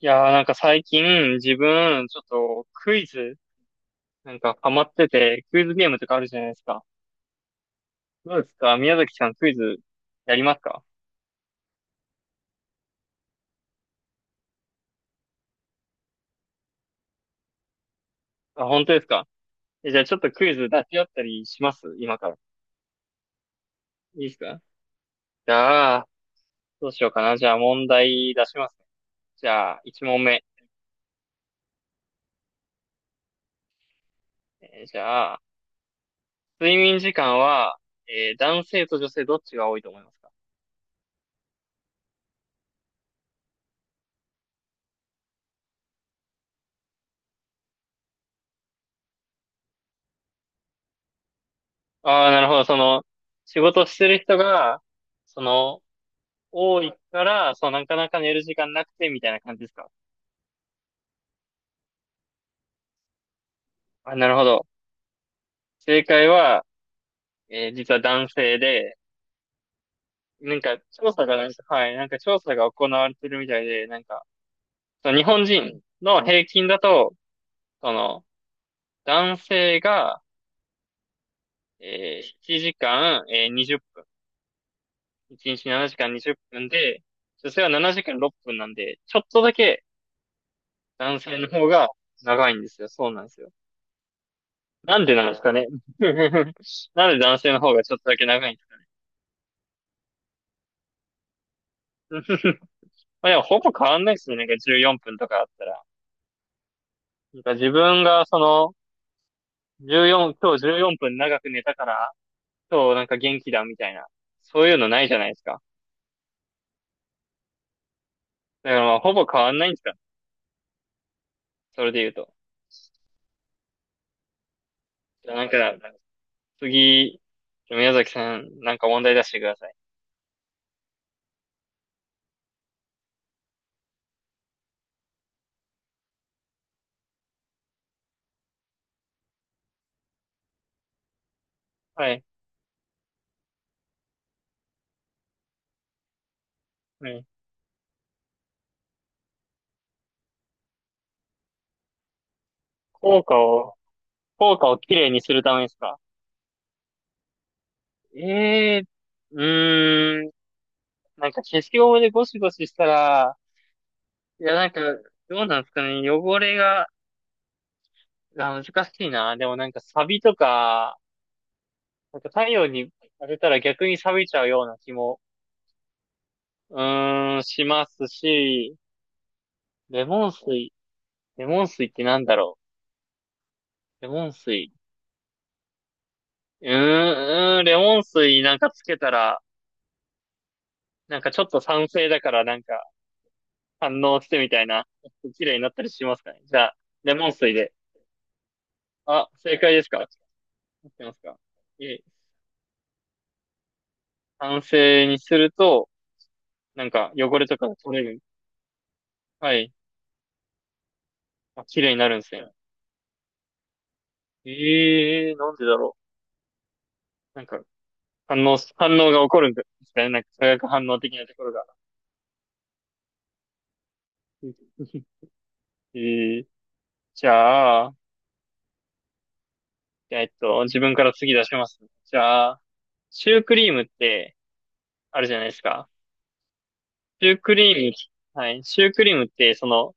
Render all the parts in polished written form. いやーなんか最近自分ちょっとクイズなんかハマっててクイズゲームとかあるじゃないですか。どうですか宮崎さんクイズやりますか？あ、本当ですか？え、じゃあちょっとクイズ出し合ったりします今から。いいですか？じゃあ、どうしようかな。じゃあ問題出しますね。じゃあ、1問目。じゃあ、睡眠時間は、男性と女性どっちが多いと思いますか？ああー、なるほど。その、仕事してる人が、その、多いから、そう、なかなか寝る時間なくて、みたいな感じですか？あ、なるほど。正解は、実は男性で、なんか、調査がなんか、はい、なんか調査が行われてるみたいで、なんか、その日本人の平均だと、その、男性が、7時間、20分、1日7時間20分で、女性は7時間6分なんで、ちょっとだけ男性の方が長いんですよ。そうなんですよ。なんでなんですかね。なんで男性の方がちょっとだけ長いんですか？うん まあでもほぼ変わんないっすよね。なんか14分とかあったら。なんか自分がその、14、今日14分長く寝たから、今日なんか元気だみたいな。そういうのないじゃないですか。だからまあほぼ変わんないんですか。それで言うと。じゃあなんか、次、宮崎さん、なんか問題出してください。はい。はい。効果を、効果をきれいにするためですか。ええー、うーん。なんか消しゴムでゴシゴシしたら、いやなんか、どうなんですかね。汚れが、あ、難しいな。でもなんかサビとか、なんか太陽に当てたら逆に錆びちゃうような気も、しますし、レモン水、レモン水ってなんだろう。レモン水。レモン水なんかつけたら、なんかちょっと酸性だからなんか反応してみたいな、綺麗になったりしますかね。じゃあ、レモン水で。あ、正解ですか合ってますか？いえ、酸性にすると、なんか汚れとかが取れる。はい。あ、綺麗になるんですね。ええーなんでだろう。なんか、反応が起こるんですかね。なんか、化学反応的なところが。ええじゃあ、自分から次出します。じゃあ、シュークリームって、あるじゃないですか。シュークリーム、はい。シュークリームって、その、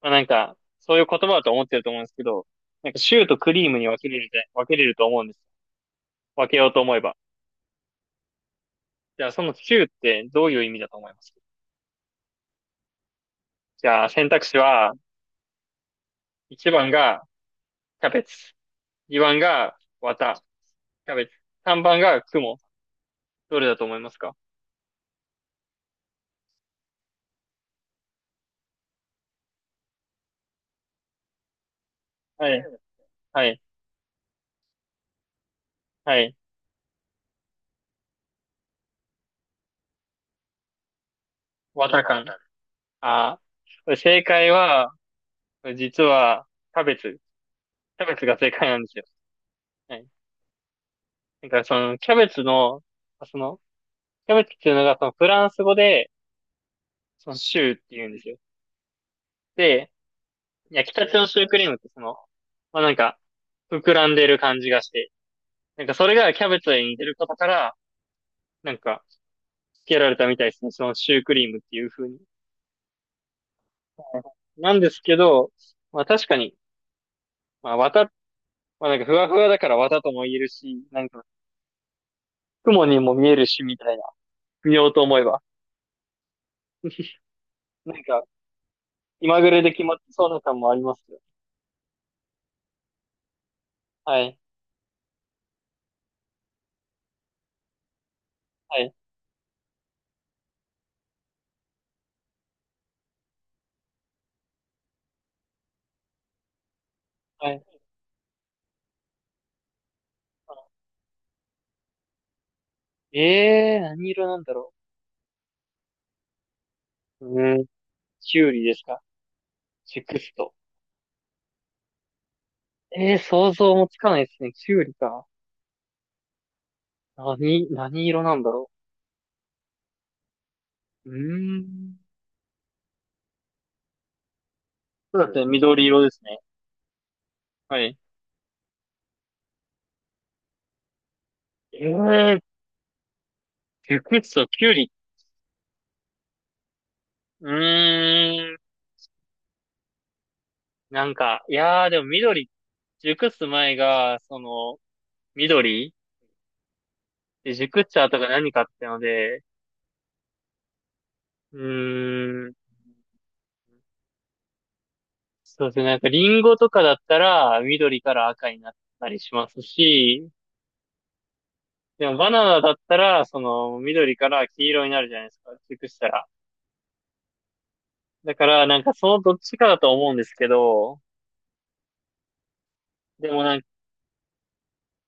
まあ、なんか、そういう言葉だと思ってると思うんですけど、なんか、シューとクリームに分けれると思うんです。分けようと思えば。じゃあ、そのシューってどういう意味だと思います？じゃあ、選択肢は、1番がキャベツ。2番が綿、キャベツ。3番が雲。どれだと思いますか？はい、はい、はい。綿感。ああ。正解は、実は、キャベツ。キャベツが正解なんですよ。はい。だからその、キャベツの、その、キャベツっていうのが、その、フランス語で、その、シューって言うんですよ。で、焼きたてのシュークリームってその、まあ、なんか、膨らんでる感じがして、なんかそれがキャベツに似てることから、なんか、付けられたみたいですね。そのシュークリームっていう風に。なんですけど、まあ確かに、まあ綿、まあなんかふわふわだから綿とも言えるし、なんか雲にも見えるしみたいな、見ようと思えば。なんか、今ぐらいで決まってそうな感もありますよ。はい、はい、はい。ええー、何色なんだろう。うーん、キュウリですかチクスト。ええー、想像もつかないですね。キュウリか。何色なんだろう。うーん。そうですね、緑色ですね。はい。ええー、チクスト、キュウリ。うーん。なんか、いやーでも緑、熟す前が、その、緑で、熟っちゃうとか何かってので、うーん、そうですね、なんかリンゴとかだったら、緑から赤になったりしますし、でもバナナだったら、その、緑から黄色になるじゃないですか、熟したら。だから、なんかそのどっちかだと思うんですけど、でもなんか、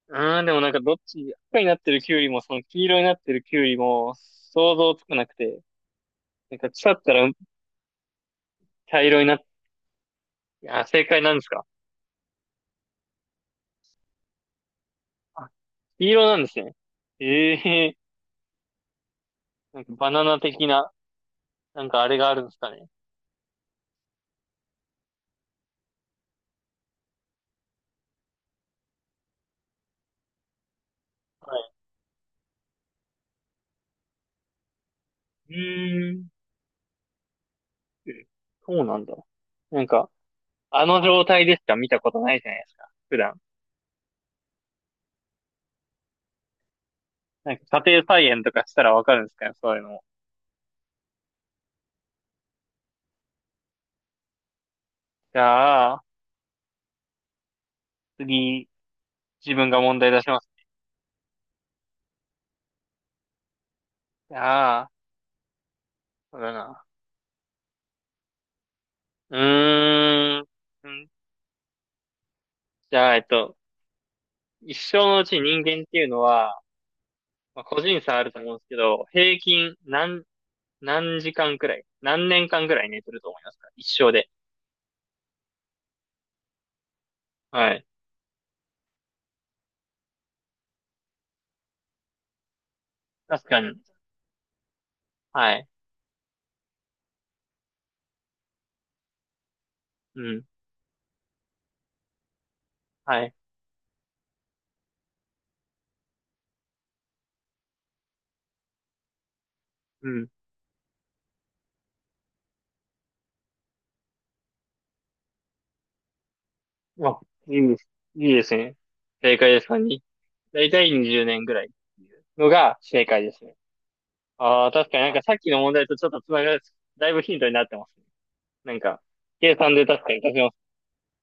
でもなんかどっち、赤になってるキュウリも、その黄色になってるキュウリも、想像つかなくて、なんか腐ったら茶色になっいや、正解なんですか？あ、黄色なんですね。ええーなんかバナナ的な、なんかあれがあるんですかね。はい。うーん。えそうなんだ。なんか、あの状態でしか見たことないじゃないですか。普段。なんか家庭菜園とかしたらわかるんですかね、そういうのも。じゃあ、次、自分が問題出します。じゃあ、そうだな。うーん。んじゃあ、一生のうち人間っていうのは、まあ、個人差あると思うんですけど、平均何時間くらい、何年間くらい寝てると思いますか一生で。はい。確かに。はい。うん。はい。うん。あ、いいです。いいですね。正解ですかに、だいたい20年ぐらいっていうのが正解ですね。ああ、確かになんかさっきの問題とちょっとつながる、だいぶヒントになってますね。なんか、計算で確かに出せます。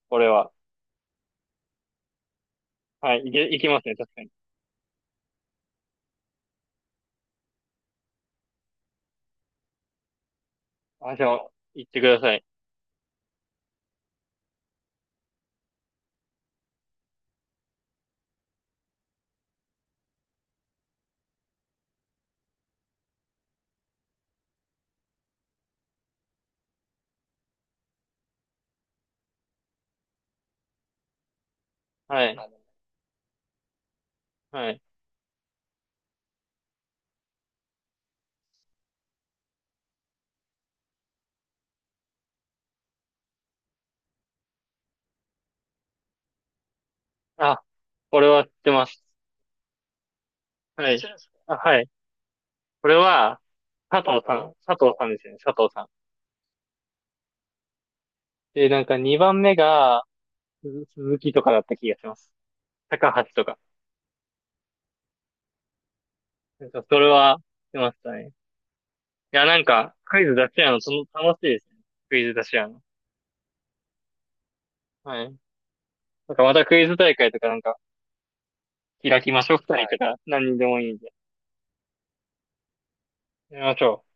これは。はい。いきますね。確かに。あ、じゃあ、言ってください。はい。はい。あ、これは知ってます。はい。あ、はい。これは、佐藤さん、佐藤さんですよね、佐藤さん。で、なんか2番目が、鈴木とかだった気がします。高橋とか。なんかそれは、出ましたね。いや、なんか、クイズ出し合うの、その、楽しいですね。クイズ出し合うの。はい。なんかまたクイズ大会とかなんか、開きましょう、二人とか、何人でもいいんで。やりましょう。